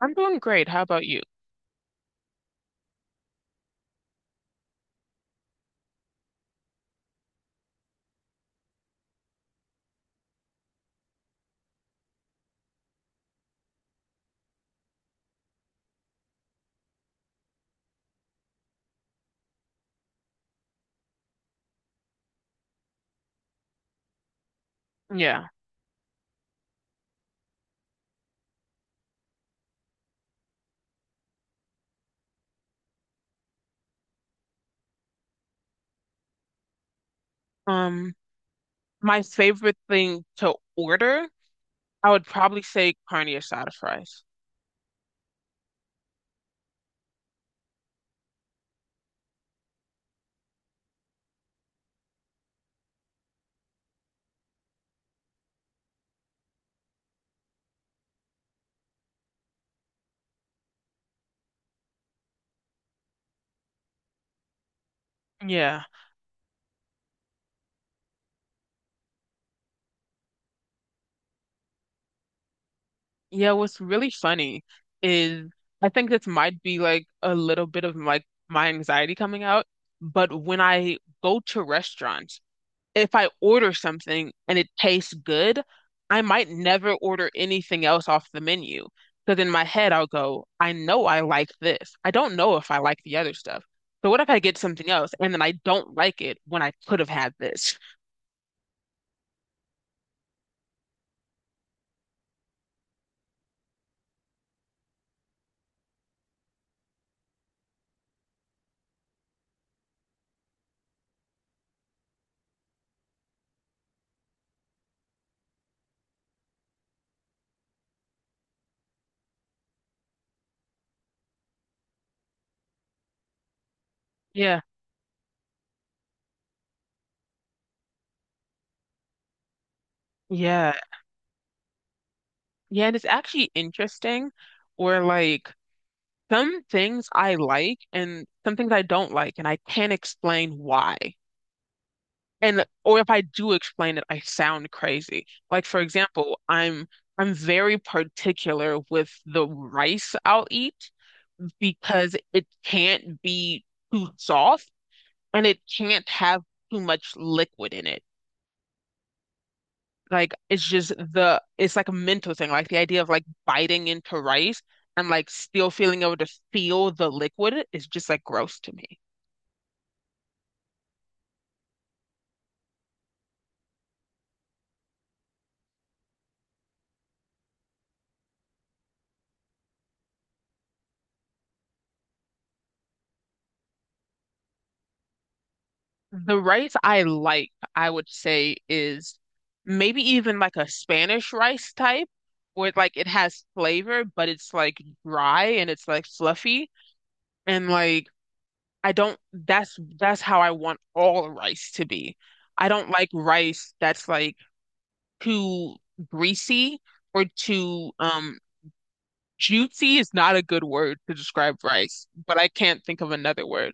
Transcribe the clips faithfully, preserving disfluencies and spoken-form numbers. I'm doing great. How about you? Yeah. Um, my favorite thing to order, I would probably say carne asada fries. Yeah. Yeah, what's really funny is I think this might be like a little bit of like my anxiety coming out, but when I go to restaurants, if I order something and it tastes good, I might never order anything else off the menu. Because in my head, I'll go, I know I like this. I don't know if I like the other stuff. So what if I get something else and then I don't like it when I could have had this? Yeah. Yeah. Yeah. And it's actually interesting where like some things I like and some things I don't like, and I can't explain why. And or if I do explain it, I sound crazy. Like for example, I'm I'm very particular with the rice I'll eat because it can't be too soft and it can't have too much liquid in it. Like it's just the it's like a mental thing. Like the idea of like biting into rice and like still feeling able to feel the liquid is just like gross to me. The rice I like, I would say, is maybe even like a Spanish rice type, where like it has flavor, but it's like dry and it's like fluffy. And like I don't that's that's how I want all rice to be. I don't like rice that's like too greasy or too um juicy is not a good word to describe rice, but I can't think of another word.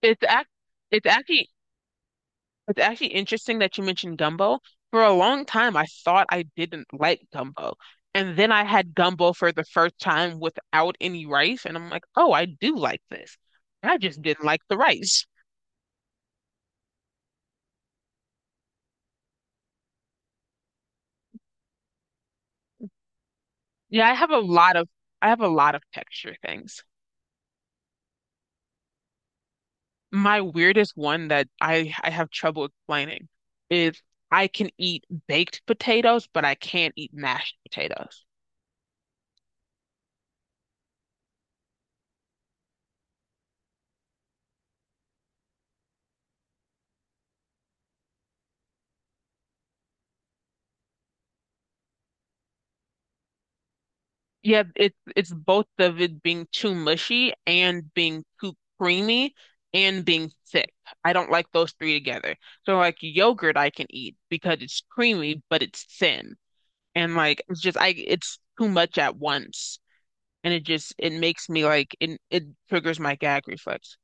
It's act it's actually it's actually interesting that you mentioned gumbo. For a long time, I thought I didn't like gumbo. And then I had gumbo for the first time without any rice. And I'm like, oh, I do like this. I just didn't like the rice. Yeah, I have a lot of I have a lot of texture things. My weirdest one that I I have trouble explaining is I can eat baked potatoes, but I can't eat mashed potatoes. Yeah, it it's both of it being too mushy and being too creamy and being thick. I don't like those three together. So like yogurt I can eat because it's creamy but it's thin. And like it's just I it's too much at once. And it just it makes me like it it triggers my gag reflex.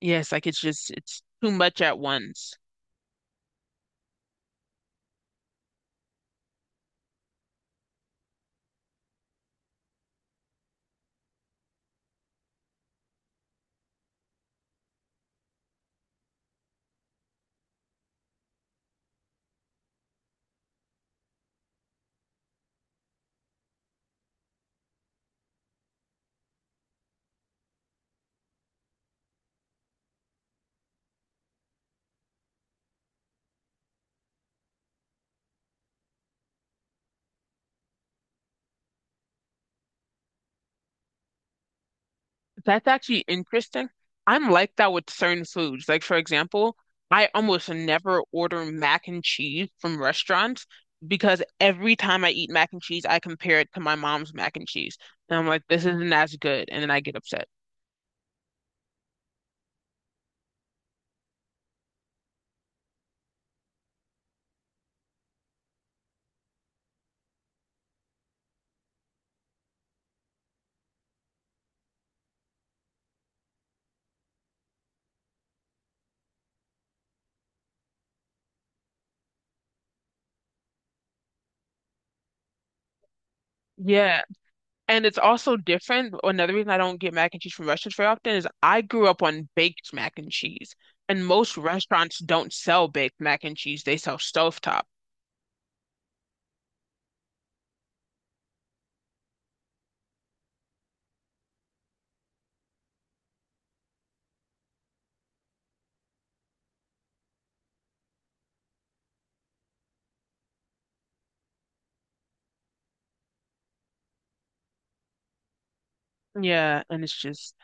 Yes, like it's just it's too much at once. That's actually interesting. I'm like that with certain foods. Like, for example, I almost never order mac and cheese from restaurants because every time I eat mac and cheese, I compare it to my mom's mac and cheese. And I'm like, this isn't as good. And then I get upset. Yeah. And it's also different. Another reason I don't get mac and cheese from restaurants very often is I grew up on baked mac and cheese. And most restaurants don't sell baked mac and cheese, they sell stovetop. Yeah. And it's just,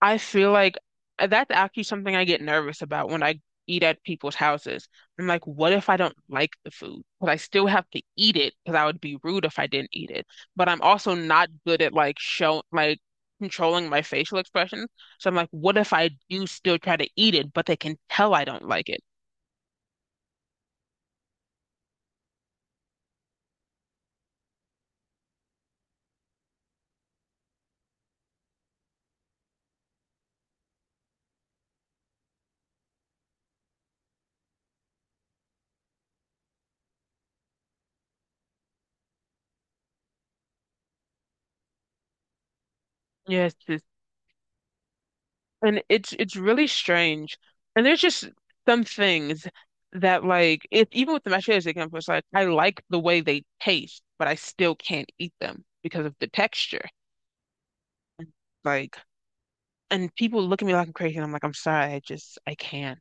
I feel like uh, that's actually something I get nervous about when I eat at people's houses. I'm like, what if I don't like the food? But I still have to eat it because I would be rude if I didn't eat it. But I'm also not good at like show like controlling my facial expressions. So I'm like, what if I do still try to eat it, but they can tell I don't like it? Yes, and it's it's really strange. And there's just some things that like if even with the mashed potatoes example, it's like I like the way they taste, but I still can't eat them because of the texture. Like and people look at me like I'm crazy and I'm like, I'm sorry, I just I can't.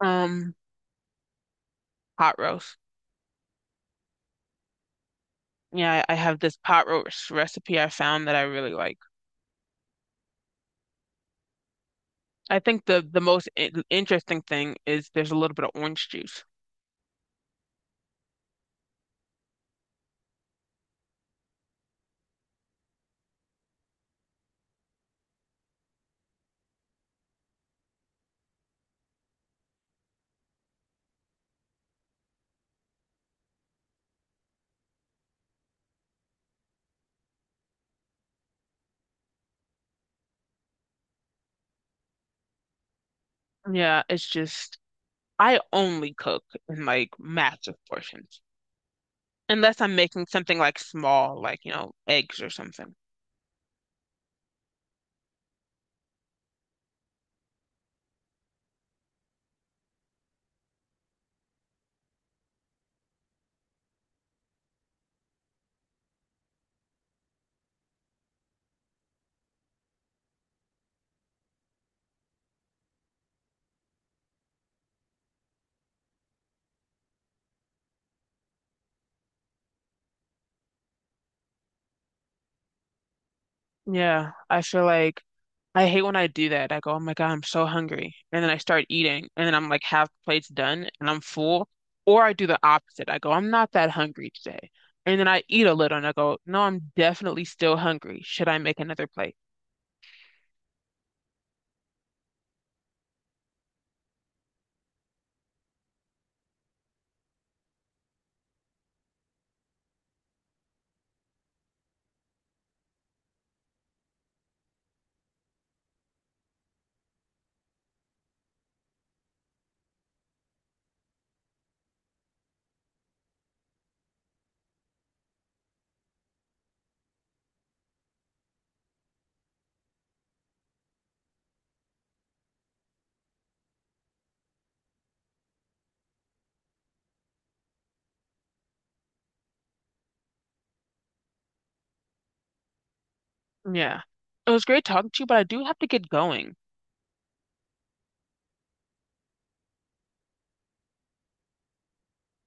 Um, Pot roast. Yeah, I, I have this pot roast recipe I found that I really like. I think the the most i- interesting thing is there's a little bit of orange juice. Yeah, it's just I only cook in like massive portions. Unless I'm making something like small, like, you know, eggs or something. Yeah, I feel like I hate when I do that. I go, oh my God, I'm so hungry. And then I start eating, and then I'm like half plate's done and I'm full. Or I do the opposite. I go, I'm not that hungry today. And then I eat a little and I go, no, I'm definitely still hungry. Should I make another plate? Yeah. It was great talking to you, but I do have to get going.